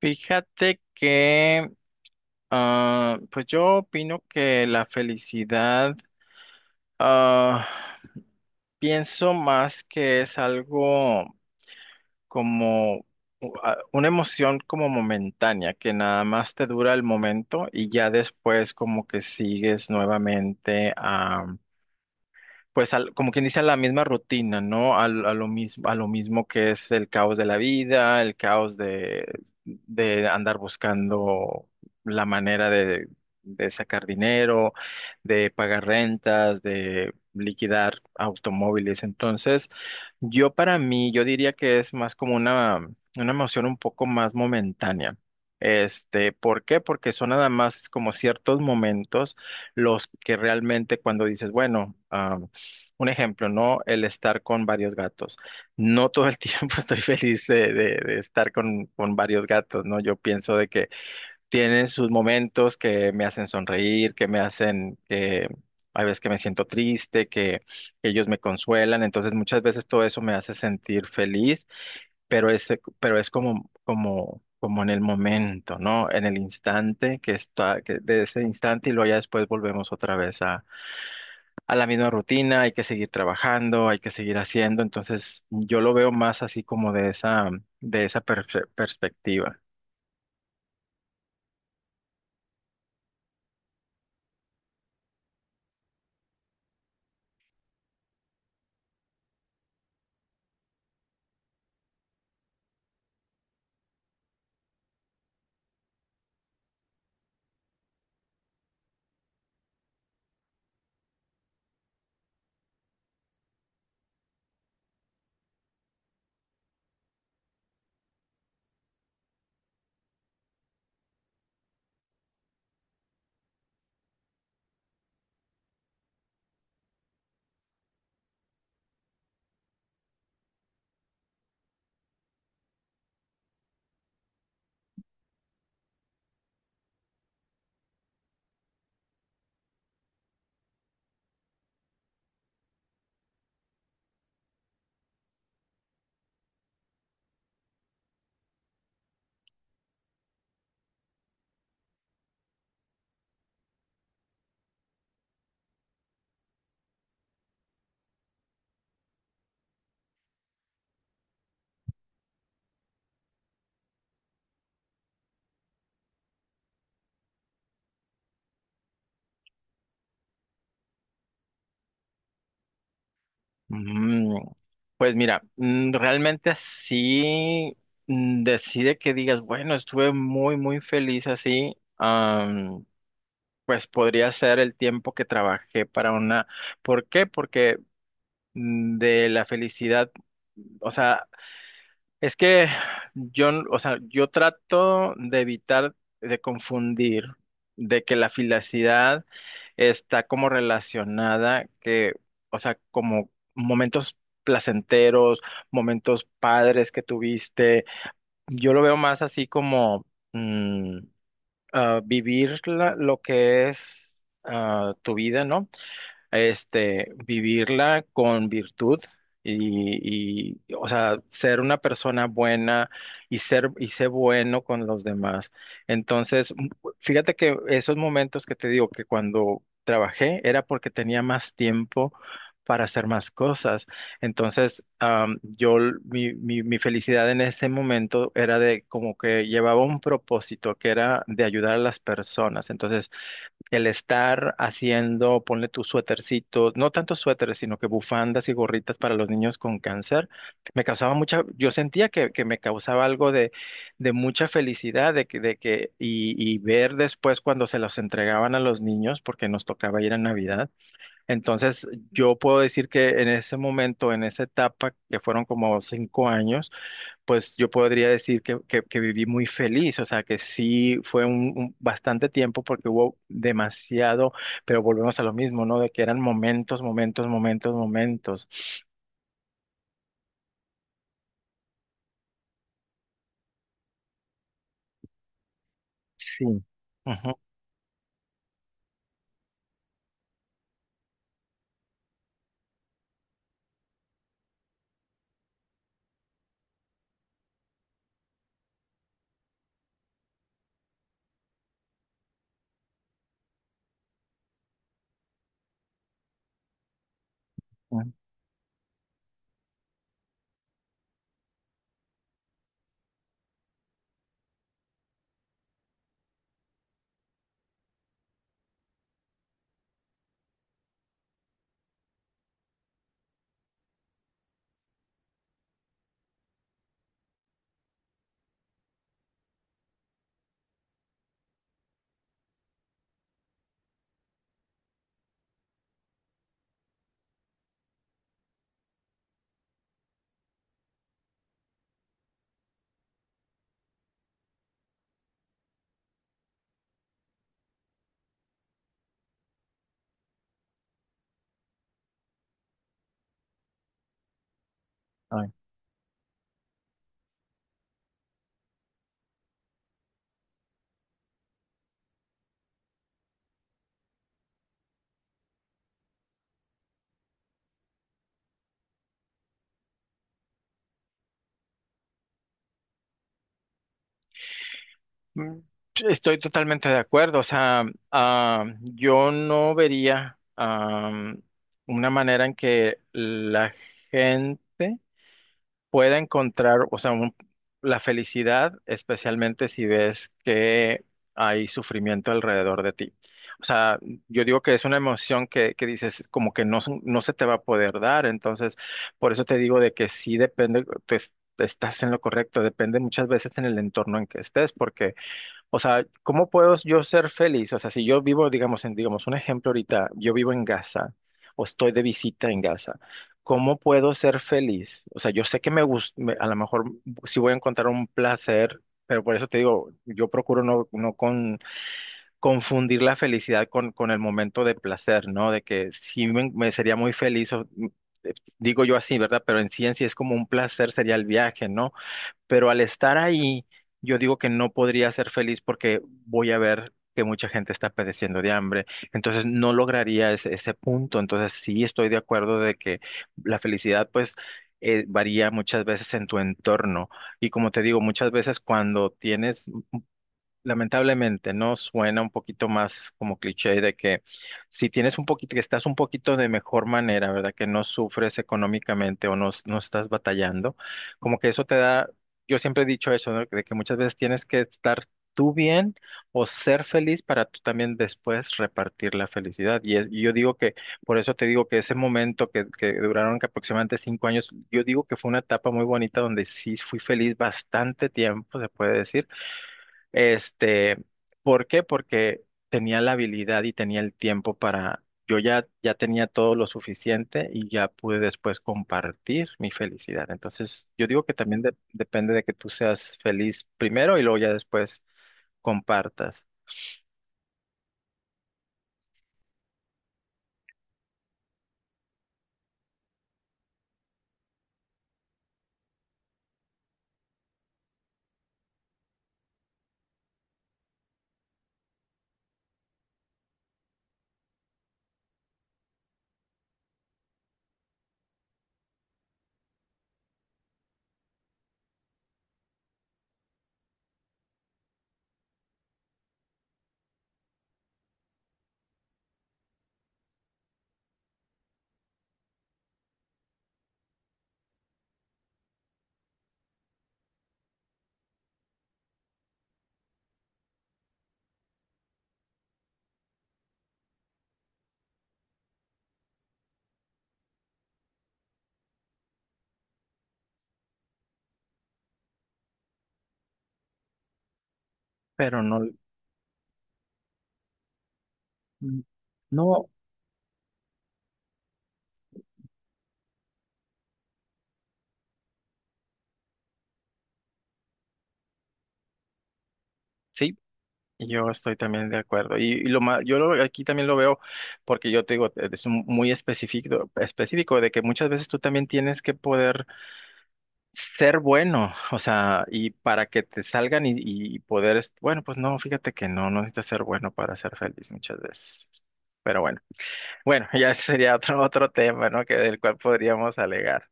Fíjate que, pues yo opino que la felicidad, ah, pienso más que es algo como una emoción como momentánea, que nada más te dura el momento y ya después como que sigues nuevamente pues como quien dice, a la misma rutina, ¿no? A lo mismo, a lo mismo que es el caos de la vida, el caos de andar buscando la manera de sacar dinero, de pagar rentas, de liquidar automóviles. Entonces, yo para mí, yo diría que es más como una emoción un poco más momentánea. Este, ¿por qué? Porque son nada más como ciertos momentos los que realmente cuando dices, bueno, un ejemplo, ¿no? El estar con varios gatos. No todo el tiempo estoy feliz de estar con varios gatos, ¿no? Yo pienso de que tienen sus momentos que me hacen sonreír, que me hacen, que hay veces que me siento triste, que ellos me consuelan. Entonces, muchas veces todo eso me hace sentir feliz, pero es, pero es como, como en el momento, ¿no? En el instante que está, que de ese instante y luego ya después volvemos otra vez a la misma rutina, hay que seguir trabajando, hay que seguir haciendo. Entonces, yo lo veo más así como de de esa perspectiva. Mm. Pues mira, realmente así decide que digas, bueno, estuve muy, muy feliz así. Pues podría ser el tiempo que trabajé para una. ¿Por qué? Porque de la felicidad, o sea, es que o sea, yo trato de evitar de confundir de que la filacidad está como relacionada que, o sea, como momentos placenteros, momentos padres que tuviste. Yo lo veo más así como mm, vivir lo que es tu vida, ¿no? Este, vivirla con virtud o sea, ser una persona buena y ser bueno con los demás. Entonces, fíjate que esos momentos que te digo que cuando trabajé era porque tenía más tiempo para hacer más cosas. Entonces, am, yo, l- mi felicidad en ese momento era de como que llevaba un propósito que era de ayudar a las personas. Entonces, el estar haciendo, ponle tus suétercitos, no tanto suéteres, sino que bufandas y gorritas para los niños con cáncer, me causaba mucha, yo sentía que me causaba algo de mucha felicidad, y ver después cuando se los entregaban a los niños, porque nos tocaba ir a Navidad. Entonces, yo puedo decir que en ese momento, en esa etapa, que fueron como 5 años, pues yo podría decir que viví muy feliz, o sea que sí fue un bastante tiempo porque hubo demasiado, pero volvemos a lo mismo, ¿no? De que eran momentos, momentos, momentos, momentos. Sí. Ujú, ujú. Ay. Mm. Estoy totalmente de acuerdo, o sea, yo no vería una manera en que la gente pueda encontrar, o sea, la felicidad, especialmente si ves que hay sufrimiento alrededor de ti. O sea, yo digo que es una emoción que dices como que no, no se te va a poder dar, entonces por eso te digo de que sí depende, estás en lo correcto, depende muchas veces en el entorno en que estés, porque o sea, ¿cómo puedo yo ser feliz? O sea, si yo vivo, digamos, en, digamos, un ejemplo ahorita, yo vivo en Gaza o estoy de visita en Gaza, ¿cómo puedo ser feliz? O sea, yo sé que me gusta, a lo mejor sí voy a encontrar un placer, pero por eso te digo, yo procuro no, no con, confundir la felicidad con el momento de placer, ¿no? De que me sería muy feliz, o, digo yo así, ¿verdad? Pero en ciencia es como un placer, sería el viaje, ¿no? Pero al estar ahí, yo digo que no podría ser feliz porque voy a ver que mucha gente está padeciendo de hambre, entonces no lograría ese punto, entonces sí estoy de acuerdo de que la felicidad pues varía muchas veces en tu entorno y como te digo, muchas veces cuando tienes lamentablemente, ¿no? Suena un poquito más como cliché de que si tienes un poquito, que estás un poquito de mejor manera, ¿verdad? Que no sufres económicamente o no, no estás batallando, como que eso te da, yo siempre he dicho eso, ¿no? De que muchas veces tienes que estar tú bien o ser feliz para tú también después repartir la felicidad. Y yo digo que, por eso te digo que ese momento que duraron que aproximadamente 5 años, yo digo que fue una etapa muy bonita donde sí fui feliz bastante tiempo, se puede decir este, ¿por qué? Porque tenía la habilidad y tenía el tiempo para, ya tenía todo lo suficiente y ya pude después compartir mi felicidad. Entonces, yo digo que también depende de que tú seas feliz primero y luego ya después compartas. Pero no, mm, no, sí, yo estoy también de acuerdo. Y lo aquí también lo veo porque yo te digo, es muy específico, específico de que muchas veces tú también tienes que poder ser bueno, o sea, y para que te salgan y poder, bueno, pues no, fíjate que no, no necesitas ser bueno para ser feliz muchas veces. Pero bueno, bueno, ya sería otro, otro tema, ¿no? Que del cual podríamos alegar,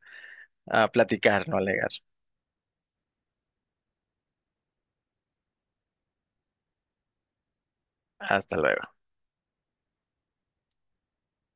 ah, platicar, no alegar. Hasta luego.